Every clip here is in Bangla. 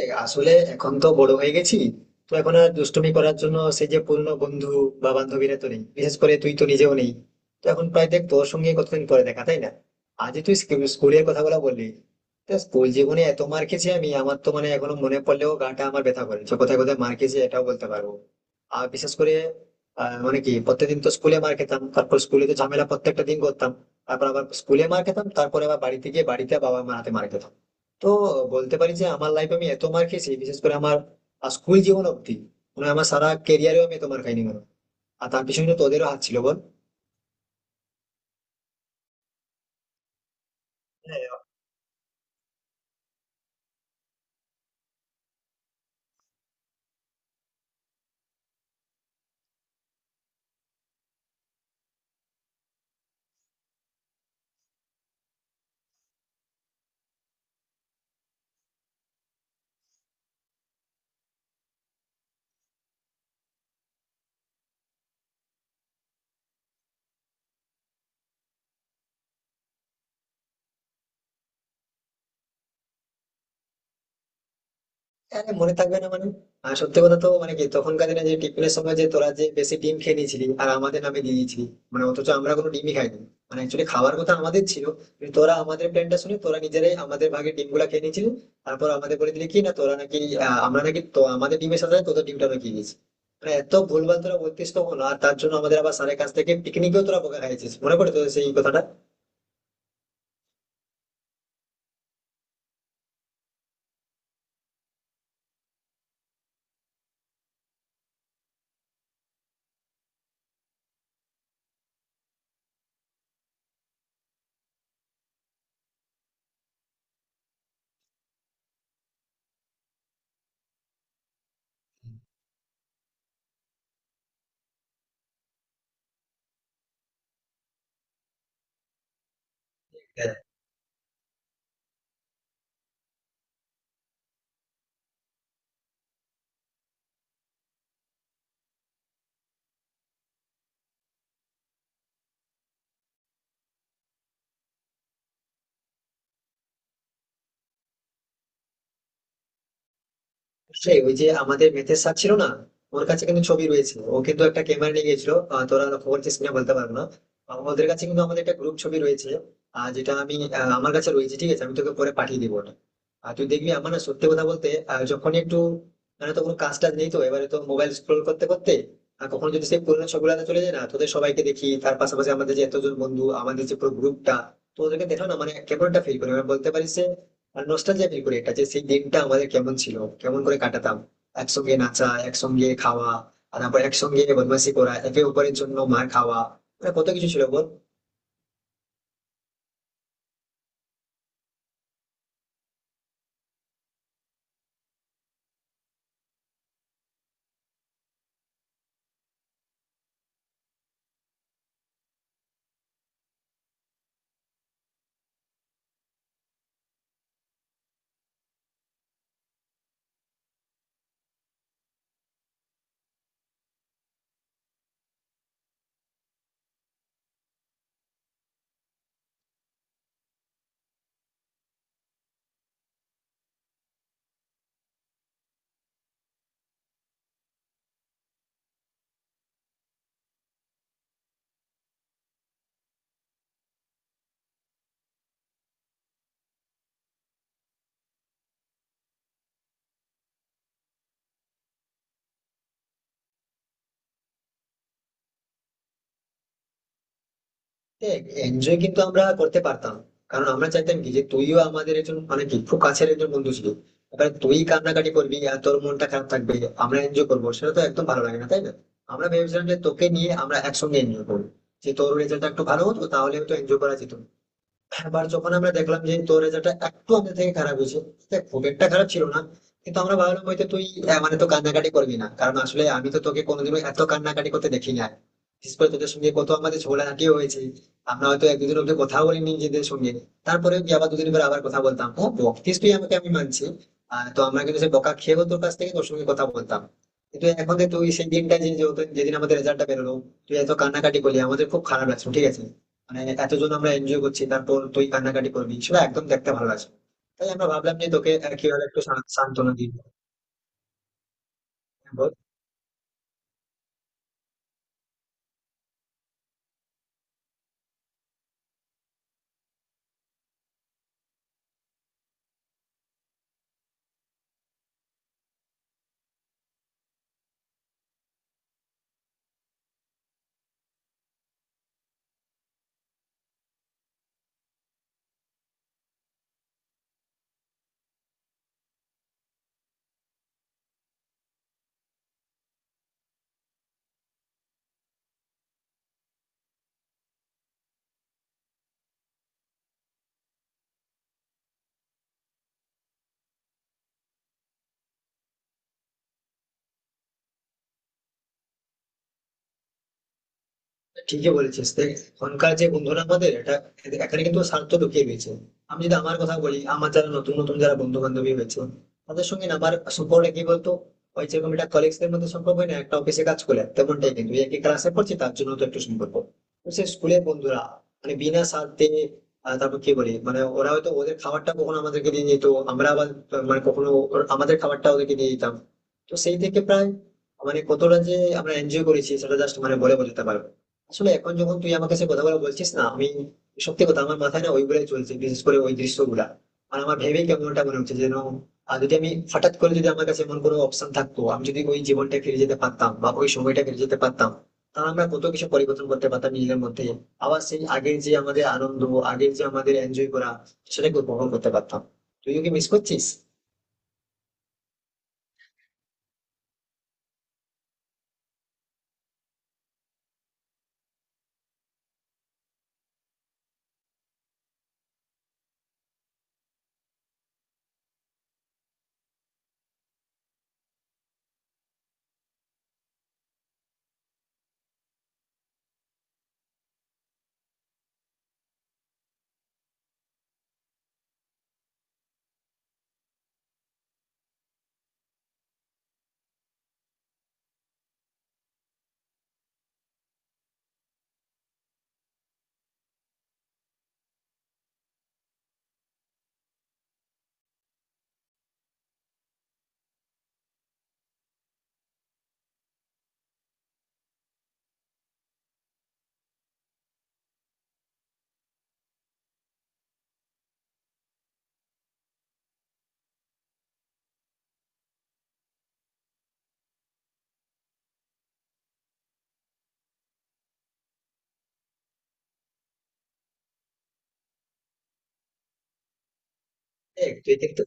আসলে এখন তো বড় হয়ে গেছি তো এখন আর দুষ্টুমি করার জন্য সেই যে পুরনো বন্ধু বা বান্ধবীরা তো নেই, বিশেষ করে তুই তো নিজেও নেই। তো এখন প্রায় দেখ, তোর সঙ্গে কতদিন পরে দেখা, তাই না? আজ তুই স্কুলের কথা বলা বললি। তা স্কুল জীবনে এত মার খেয়েছি আমি, আমার তো মানে এখনো মনে পড়লেও গাটা আমার ব্যথা করে, যে কোথায় কোথায় মার খেয়েছি এটাও বলতে পারবো। আর বিশেষ করে মানে কি প্রত্যেকদিন তো স্কুলে মার খেতাম, তারপর স্কুলে তো ঝামেলা প্রত্যেকটা দিন করতাম, তারপর আবার স্কুলে মার খেতাম, তারপরে আবার বাড়িতে গিয়ে বাড়িতে বাবা মার হাতে মার খেতাম। তো বলতে পারি যে আমার লাইফে আমি এত মার খেয়েছি, বিশেষ করে আমার স্কুল জীবন অব্দি, মানে আমার সারা ক্যারিয়ারেও আমি এত মার খাইনি মনে হয়। আর তার পিছনে তো তোদেরও হাত ছিল, বল। হ্যাঁ। আরে মনে থাকবে না মানে? সত্যি কথা তো মানে কি, তখনকার দিনে যে টিফিনের সময় যে তোরা যে বেশি ডিম খেয়ে নিয়েছিলি আর আমাদের নামে দিয়ে দিয়েছিলি। মানে অথচ আমরা কোনো ডিমই খাইনি, মানে অ্যাকচুয়ালি খাওয়ার কথা আমাদের ছিল, কিন্তু তোরা আমাদের প্ল্যানটা শুনে তোরা নিজেরাই আমাদের ভাগে ডিম গুলা খেয়ে নিয়েছিলি। তারপর আমাদের বলে দিলি কি না তোরা নাকি, আমরা নাকি তো আমাদের ডিমের সাথে তোদের ডিমটা রেখে দিয়েছি। মানে এত ভুলভাল তোরা বলতিস তখন, আর তার জন্য আমাদের আবার স্যারের কাছ থেকে পিকনিকেও তোরা বোকা খাইছিস, মনে পড়ে তোদের সেই কথাটা? হ্যাঁ, সেই ওই যে আমাদের মেথের স্যার ছিল না, ওর কাছে কিন্তু ছবি রয়েছে। ও কিন্তু একটা ক্যামেরা নিয়ে গেছিল, তোরা লক্ষ্য করছিস কিনা বলতে পারবো না। ওদের কাছে কিন্তু আমাদের একটা গ্রুপ ছবি রয়েছে, আর যেটা আমি আমার কাছে রয়েছে, ঠিক আছে, আমি তোকে পরে পাঠিয়ে দিবো ওটা। আর তুই দেখবি আমার না সত্যি কথা বলতে যখনই একটু মানে তো কোনো কাজ টাজ নেই, তো এবারে তো মোবাইল স্ক্রোল করতে করতে আর কখনো যদি সেই পুরোনো ছবিগুলোতে চলে যায় না, তোদের সবাইকে দেখি, তার পাশাপাশি আমাদের যে এতজন বন্ধু, আমাদের যে পুরো গ্রুপটা, তো ওদেরকে দেখো না, মানে কেমন একটা ফিল করে, মানে বলতে পারিস যে আর নস্টালজিয়া ফিল করি একটা, যে সেই দিনটা আমাদের কেমন ছিল, কেমন করে কাটাতাম, একসঙ্গে নাচা, একসঙ্গে খাওয়া, আর তারপর একসঙ্গে বদমাশি করা, একে অপরের জন্য মার খাওয়া, মানে কত কিছু ছিল, বল। এনজয় কিন্তু আমরা করতে পারতাম, কারণ আমরা চাইতাম কি, যে তুইও আমাদের একজন মানে কি খুব কাছের একজন বন্ধু ছিল। এবার তুই কান্নাকাটি করবি আর তোর মনটা খারাপ থাকবে, আমরা এনজয় করবো, সেটা তো একদম ভালো লাগে না, তাই না? আমরা ভেবেছিলাম যে তোকে নিয়ে আমরা একসঙ্গে এনজয় করবো, যে তোর রেজাল্টটা একটু ভালো হতো তাহলে তো এনজয় করা যেত। এবার যখন আমরা দেখলাম যে তোর রেজাল্টটা একটু আমাদের থেকে খারাপ হয়েছে, দেখ, খুব একটা খারাপ ছিল না, কিন্তু আমরা ভাবলাম হয়তো তুই মানে তো কান্নাকাটি করবি না, কারণ আসলে আমি তো তোকে কোনোদিনও এত কান্নাকাটি করতে দেখি না। বিশেষ করে তোদের সঙ্গে কত আমাদের ঝগড়াঝাটিও হয়েছে, আমরা হয়তো এক দুদিন অব্দি কথা বলিনি নিজেদের সঙ্গে, তারপরে কি আবার দুদিন পরে আবার কথা বলতাম, হ্যাঁ বকিস তুই আমাকে আমি মানছি। তো আমরা কিন্তু সে বকা খেয়েও তোর কাছ থেকে তোর সঙ্গে কথা বলতাম। কিন্তু এখন দেখ, তুই সেই দিনটা, যে যে- যেদিন আমাদের রেজাল্টটা বেরোলো, তুই এত কান্নাকাটি করলি, আমাদের খুব খারাপ লাগছে, ঠিক আছে। মানে এতজন আমরা এনজয় করছি, তারপর তুই কান্নাকাটি করবি, সেটা একদম দেখতে ভালো লাগছে না। তাই আমরা ভাবলাম যে তোকে কিভাবে একটু সান্ত্বনা দিই। বল। ঠিকই বলেছিস দেখ, এখনকার যে বন্ধুরা আমাদের, এটা এখানে কিন্তু স্বার্থ ঢুকিয়ে দিয়েছে। আমি যদি আমার কথা বলি, আমার যারা নতুন নতুন যারা বন্ধু বান্ধবী হয়েছে, তাদের সঙ্গে না আমার সম্পর্কটা কি বলতো, ওই যেরকম একটা কলিগসদের মধ্যে সম্পর্ক হয় না একটা অফিসে কাজ করলে, তেমনটাই। কিন্তু এই একই ক্লাসে পড়ছি তার জন্য তো একটু সম্পর্ক। তো সে স্কুলের বন্ধুরা মানে বিনা স্বার্থে, তারপর কি বলি মানে, ওরা হয়তো ওদের খাবারটা কখনো আমাদেরকে দিয়ে যেত, আমরা আবার মানে কখনো আমাদের খাবারটা ওদেরকে দিয়ে দিতাম। তো সেই থেকে প্রায় মানে কতটা যে আমরা এনজয় করেছি সেটা জাস্ট মানে বলে বোঝাতে পারবো না। আসলে এখন যখন তুই আমার কাছে কথাগুলো বলছিস না, আমি সত্যি কথা আমার মাথায় না ওইগুলাই চলছে, বিশেষ করে ওই দৃশ্যগুলা, আর আমার ভেবেই কেমনটা মনে হচ্ছে যেন। আর যদি আমি হঠাৎ করে যদি আমার কাছে এমন কোনো অপশন থাকতো, আমি যদি ওই জীবনটা ফিরে যেতে পারতাম বা ওই সময়টা ফিরে যেতে পারতাম, তাহলে আমরা কত কিছু পরিবর্তন করতে পারতাম নিজেদের মধ্যে। আবার সেই আগের যে আমাদের আনন্দ, আগের যে আমাদের এনজয় করা, সেটাকে উপভোগ করতে পারতাম। তুইও কি মিস করছিস? দেখ তুই কিন্তু,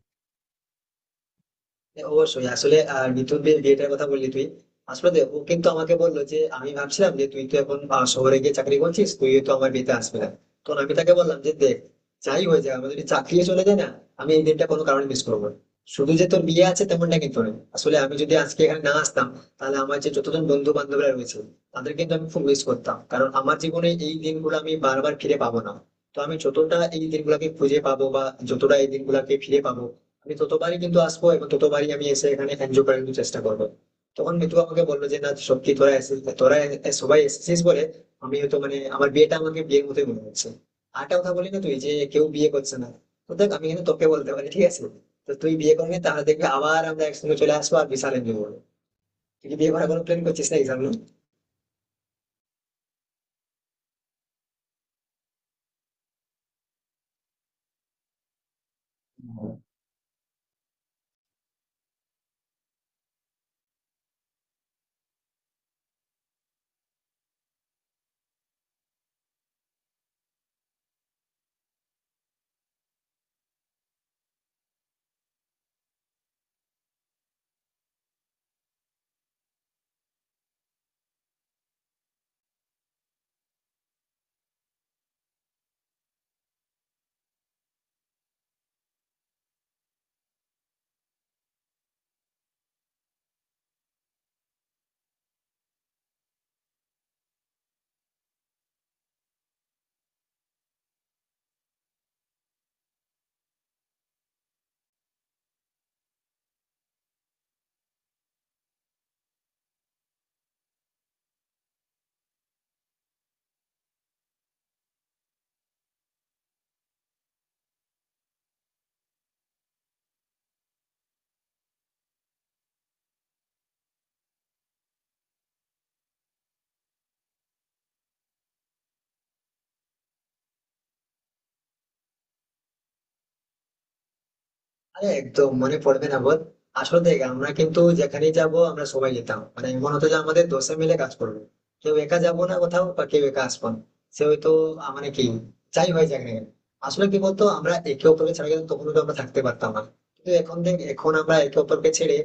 হ্যাঁ, অবশ্যই আসলে নিতুর বিয়েটার কথা বললি তুই। আসলে দেখ, ও কিন্তু আমাকে বললো যে আমি ভাবছিলাম যে তুই তো এখন শহরে গিয়ে চাকরি করছিস, তুই তো আমার বিয়েতে আসবে না। তো আমি তাকে বললাম যে দেখ, যাই হয়ে যায়, আমাদের যদি চাকরিও চলে যায় না, আমি এই দিনটা কোনো কারণে মিস করবো না। শুধু যে তোর বিয়ে আছে তেমনটা কিন্তু নয়, আসলে আমি যদি আজকে এখানে না আসতাম, তাহলে আমার যে যতজন বন্ধু বান্ধবরা রয়েছে, তাদের কিন্তু আমি খুব মিস করতাম, কারণ আমার জীবনে এই দিনগুলো আমি বারবার ফিরে পাবো না। তো আমি যতটা এই দিনগুলোকে খুঁজে পাবো বা যতটা এই দিনগুলোকে ফিরে পাবো, আমি ততবারই কিন্তু আসবো এবং ততবারই আমি এসে এখানে এনজয় করার কিন্তু চেষ্টা করবো। তখন মিতু আমাকে বললো যে না সত্যি তোরা এসেছিস, তোরা সবাই এসেছিস বলে আমি হয়তো মানে আমার বিয়েটা আমাকে বিয়ের মতোই মনে হচ্ছে। আরেকটা কথা বলি না, তুই যে কেউ বিয়ে করছে না, তো দেখ আমি কিন্তু তোকে বলতে পারি, ঠিক আছে, তো তুই বিয়ে করবি তাহলে দেখবি আবার আমরা একসঙ্গে চলে আসবো আর বিশাল এনজয় করবো। তুই কি বিয়ে করার কোনো প্ল্যান করছিস না এই সামনে? আরে একদম মনে পড়বে না বল। আসলে দেখ, আমরা কিন্তু যেখানেই যাব আমরা সবাই যেতাম, মানে এমন হতো যে আমাদের দশে মিলে কাজ করবো, কেউ একা যাবো না কোথাও বা কেউ একা আসবো না। সে হয়তো মানে কি যাই হয়ে যাক না কেন। আসলে কি বলতো, আমরা একে অপরকে ছাড়া কিন্তু তখন তো আমরা থাকতে পারতাম না। কিন্তু এখন দেখ, এখন আমরা একে অপরকে ছেড়ে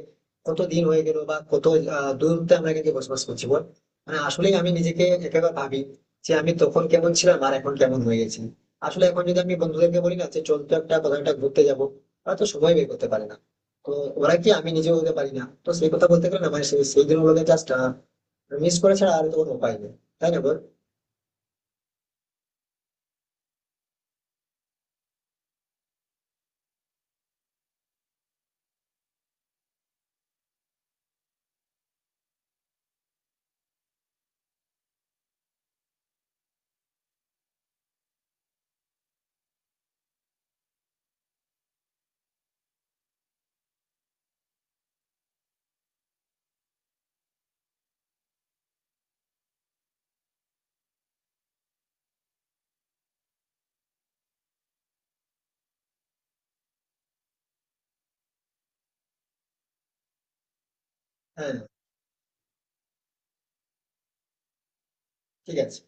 কত দিন হয়ে গেল বা কত দূরত্বে আমরা কিন্তু বসবাস করছি, বল। মানে আসলেই আমি নিজেকে একেবারে ভাবি, যে আমি তখন কেমন ছিলাম আর এখন কেমন হয়ে গেছি। আসলে এখন যদি আমি বন্ধুদেরকে বলি না যে চল তো একটা কোথাও একটা ঘুরতে যাবো, হয়তো সময় বের করতে পারে না। তো ওরা কি, আমি নিজেও হতে পারি না, তো সেই কথা বলতে গেলে না মানে সেই সেই দিন ওদের জাস্ট মিস করে ছাড়া আর তো কোনো উপায় নেই, তাই না বল। হ্যাঁ, ঠিক আছে।